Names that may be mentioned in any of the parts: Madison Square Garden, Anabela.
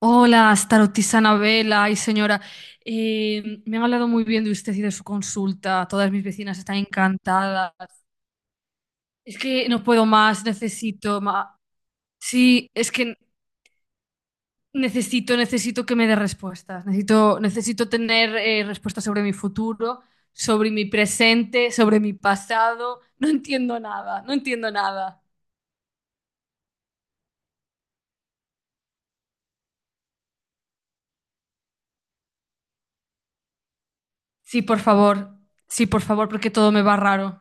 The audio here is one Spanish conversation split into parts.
Hola, tarotista Vela, ay señora, me han hablado muy bien de usted y de su consulta. Todas mis vecinas están encantadas. Es que no puedo más, necesito más. Sí, es que necesito que me dé respuestas. Necesito tener respuestas sobre mi futuro, sobre mi presente, sobre mi pasado. No entiendo nada, no entiendo nada. Sí, por favor, sí, por favor, porque todo me va raro.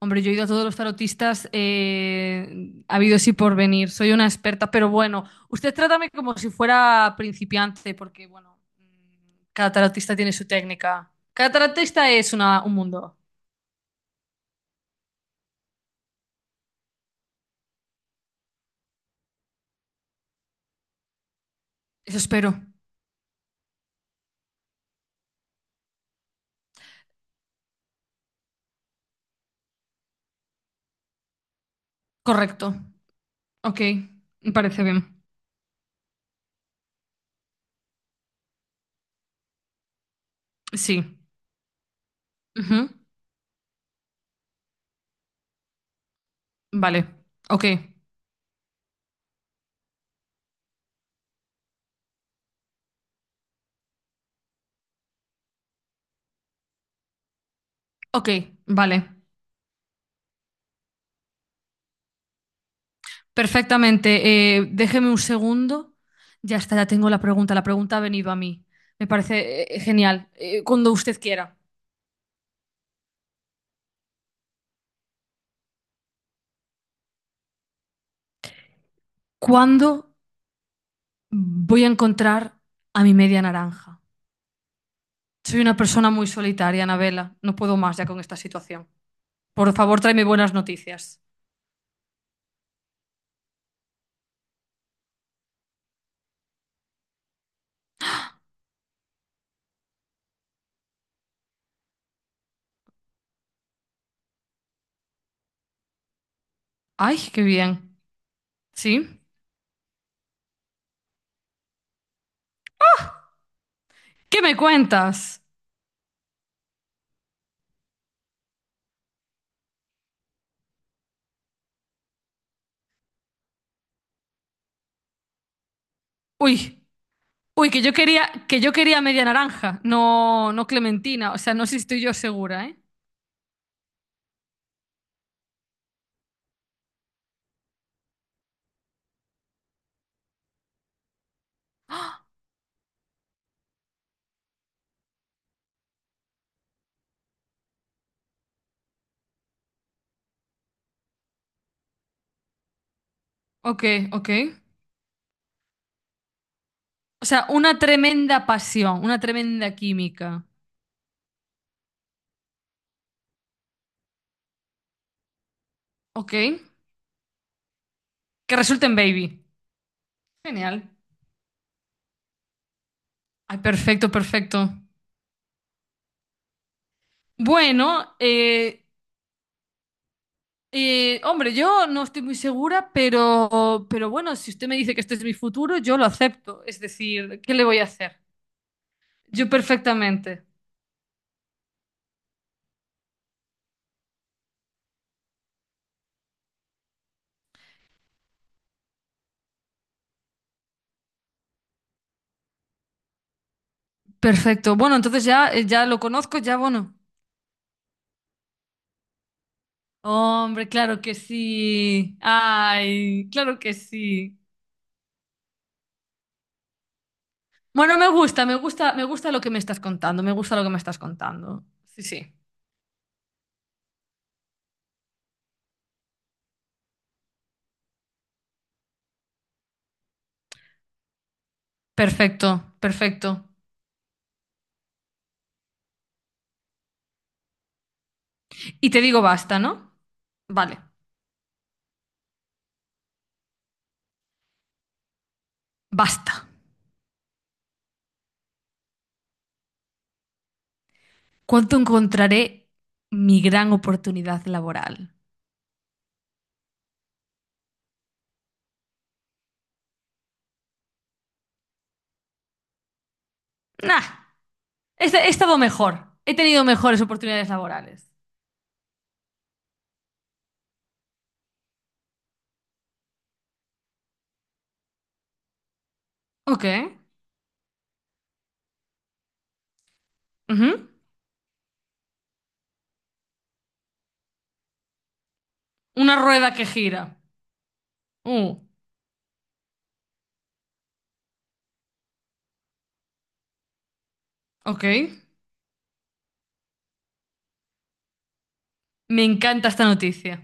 Hombre, yo he ido a todos los tarotistas ha habido así por venir. Soy una experta, pero bueno, usted trátame como si fuera principiante, porque bueno, cada tarotista tiene su técnica. Cada tarotista es un mundo. Eso espero. Correcto. Ok, me parece bien. Sí. Ujú. Vale. Ok. Ok, vale. Perfectamente. Déjeme un segundo. Ya está, ya tengo la pregunta. La pregunta ha venido a mí. Me parece genial. Cuando usted quiera. ¿Cuándo voy a encontrar a mi media naranja? Soy una persona muy solitaria, Anabela. No puedo más ya con esta situación. Por favor, tráeme buenas noticias. Ay, qué bien. ¿Sí? ¿Qué me cuentas? Uy, uy, que yo quería media naranja, no clementina. O sea, no sé si estoy yo segura, ¿eh? Ok, ok. O sea, una tremenda pasión, una tremenda química. Ok. Que resulte en baby. Genial. Ay, perfecto, perfecto. Bueno, hombre, yo no estoy muy segura, pero bueno, si usted me dice que este es mi futuro, yo lo acepto. Es decir, ¿qué le voy a hacer? Yo perfectamente. Perfecto. Bueno, entonces ya, ya lo conozco, ya bueno. Hombre, claro que sí. Ay, claro que sí. Bueno, me gusta, me gusta, me gusta lo que me estás contando, me gusta lo que me estás contando. Sí, sí. Perfecto, perfecto. Y te digo basta, ¿no? Vale, basta. ¿Cuánto encontraré mi gran oportunidad laboral? Nah, he estado mejor. He tenido mejores oportunidades laborales. Ok. Ujú. Una rueda que gira. Uh, ok. Me encanta esta noticia.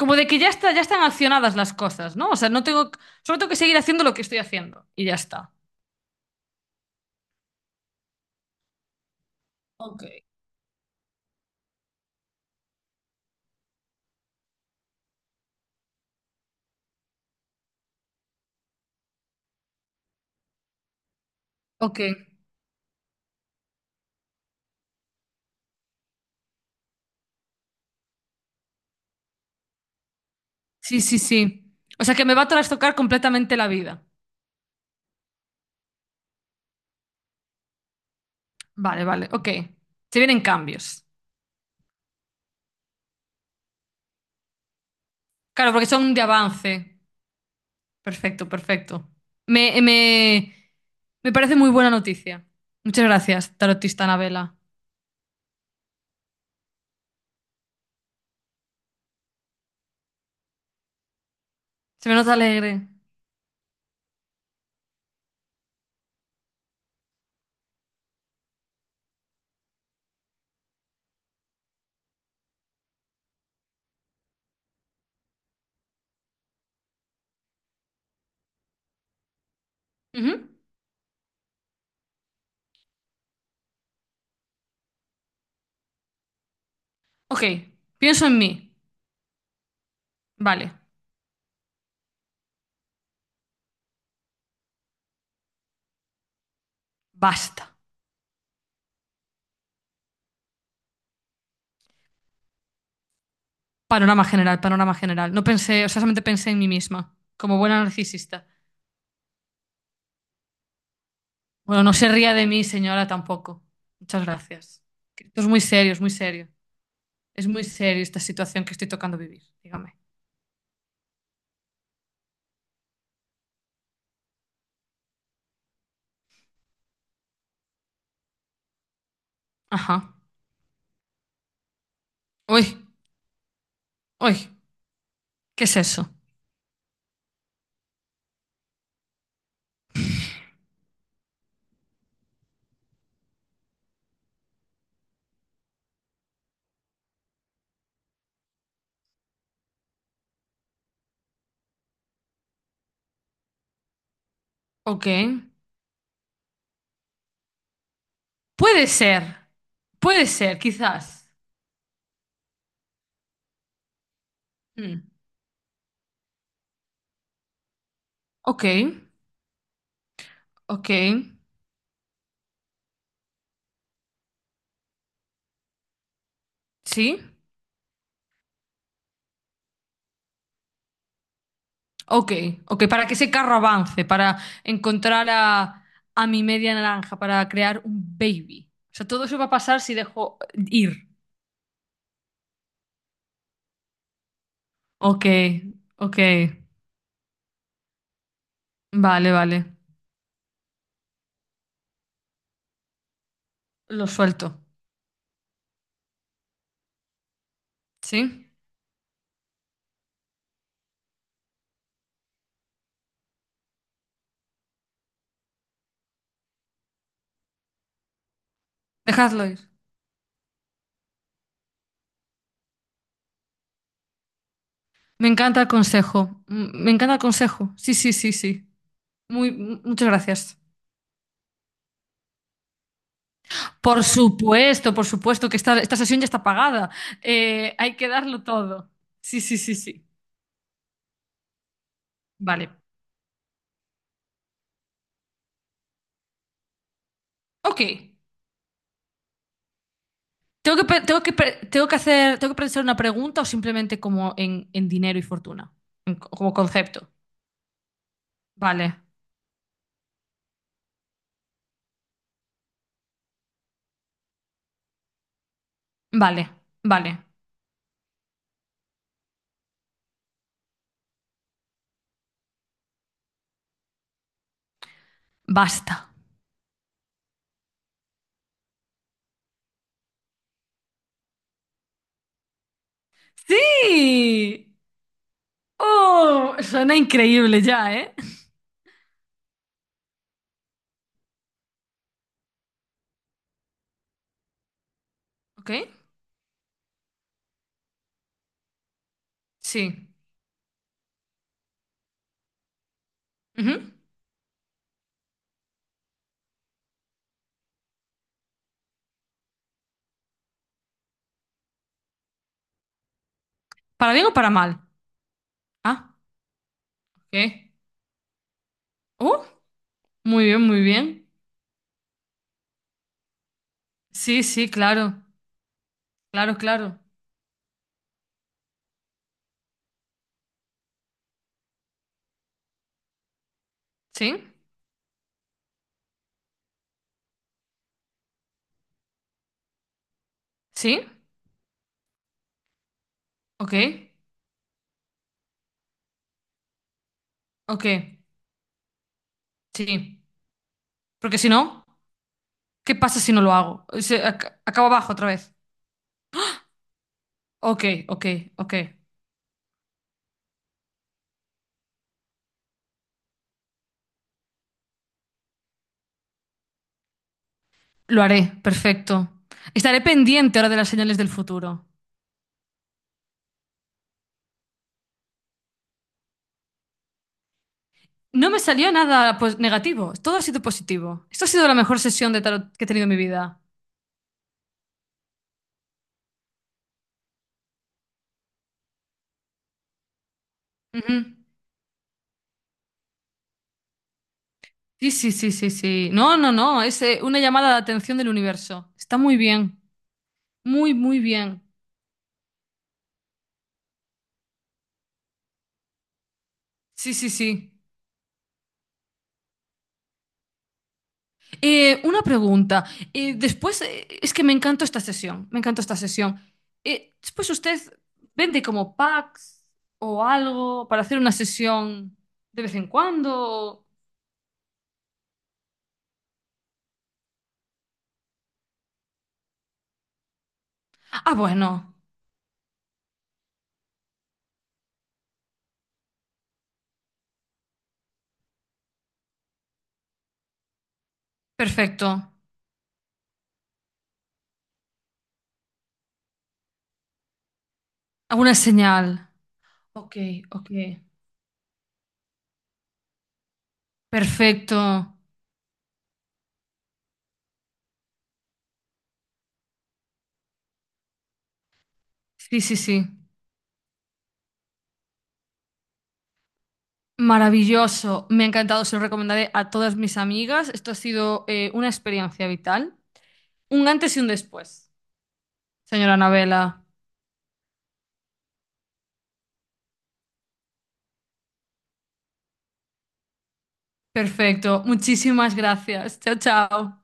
Como de que ya está, ya están accionadas las cosas, ¿no? O sea, no tengo, solo tengo que seguir haciendo lo que estoy haciendo y ya está. Ok. Ok. Sí, sí, sí. O sea, que me va a trastocar completamente la vida. Vale, vale, ok. Se vienen cambios. Claro, porque son de avance. Perfecto, perfecto. Me, me, me parece muy buena noticia. Muchas gracias, tarotista Anabela. Se me nota alegre. Ujú. Ok, pienso en mí. Vale, basta. Panorama general, panorama general. No pensé, o sea, solamente pensé en mí misma, como buena narcisista. Bueno, no se ría de mí, señora, tampoco. Muchas gracias. Que esto es muy serio, es muy serio. Es muy serio esta situación que estoy tocando vivir, dígame. Ajá. Uy, uy, ¿qué es eso? Ok. Puede ser, puede ser, quizás. Mm. Ok, ok, sí, ok, ok, para que ese carro avance, para encontrar a mi media naranja, para crear un baby. O sea, todo eso va a pasar si dejo ir. Ok, ok, vale, vale, lo suelto, ¿sí? Dejadlo ir. Me encanta el consejo, me encanta el consejo, sí, sí, sí, sí. Muy, muchas gracias. Por supuesto que esta sesión ya está pagada. Hay que darlo todo. Sí, sí, sí, sí. Vale. Ok. Tengo que, pe- tengo que, pe- tengo que hacer, tengo que pensar una pregunta o simplemente como en dinero y fortuna, como concepto. Vale, vale, vale. Basta. Sí. Oh, suena increíble ya, ¿eh? Ok. Sí. Ujú. ¿Para bien o para mal? Ah, ok. Oh, muy bien, muy bien. Sí, sí, claro. Claro, claro. ¿Sí? ¿Sí? Ok, ok, sí. Porque si no, ¿qué pasa si no lo hago? Acabo abajo otra vez. Ok, ok, ok. Lo haré, perfecto. Estaré pendiente ahora de las señales del futuro. No me salió nada pues, negativo, todo ha sido positivo. Esto ha sido la mejor sesión de tarot que he tenido en mi vida. Ujú. Sí, sí, sí, sí, sí. No, no, no, es una llamada de atención del universo. Está muy bien, muy, muy bien. Sí, sí, sí. Una pregunta. Es que me encantó esta sesión, me encantó esta sesión. Después usted vende como packs o algo para hacer una sesión de vez en cuando. Ah, bueno, perfecto. Alguna señal. Ok, ok. Perfecto. Sí, sí, sí. Maravilloso. Me ha encantado, se lo recomendaré a todas mis amigas. Esto ha sido una experiencia vital. Un antes y un después, señora Anabela. Perfecto. Muchísimas gracias. Chao, chao.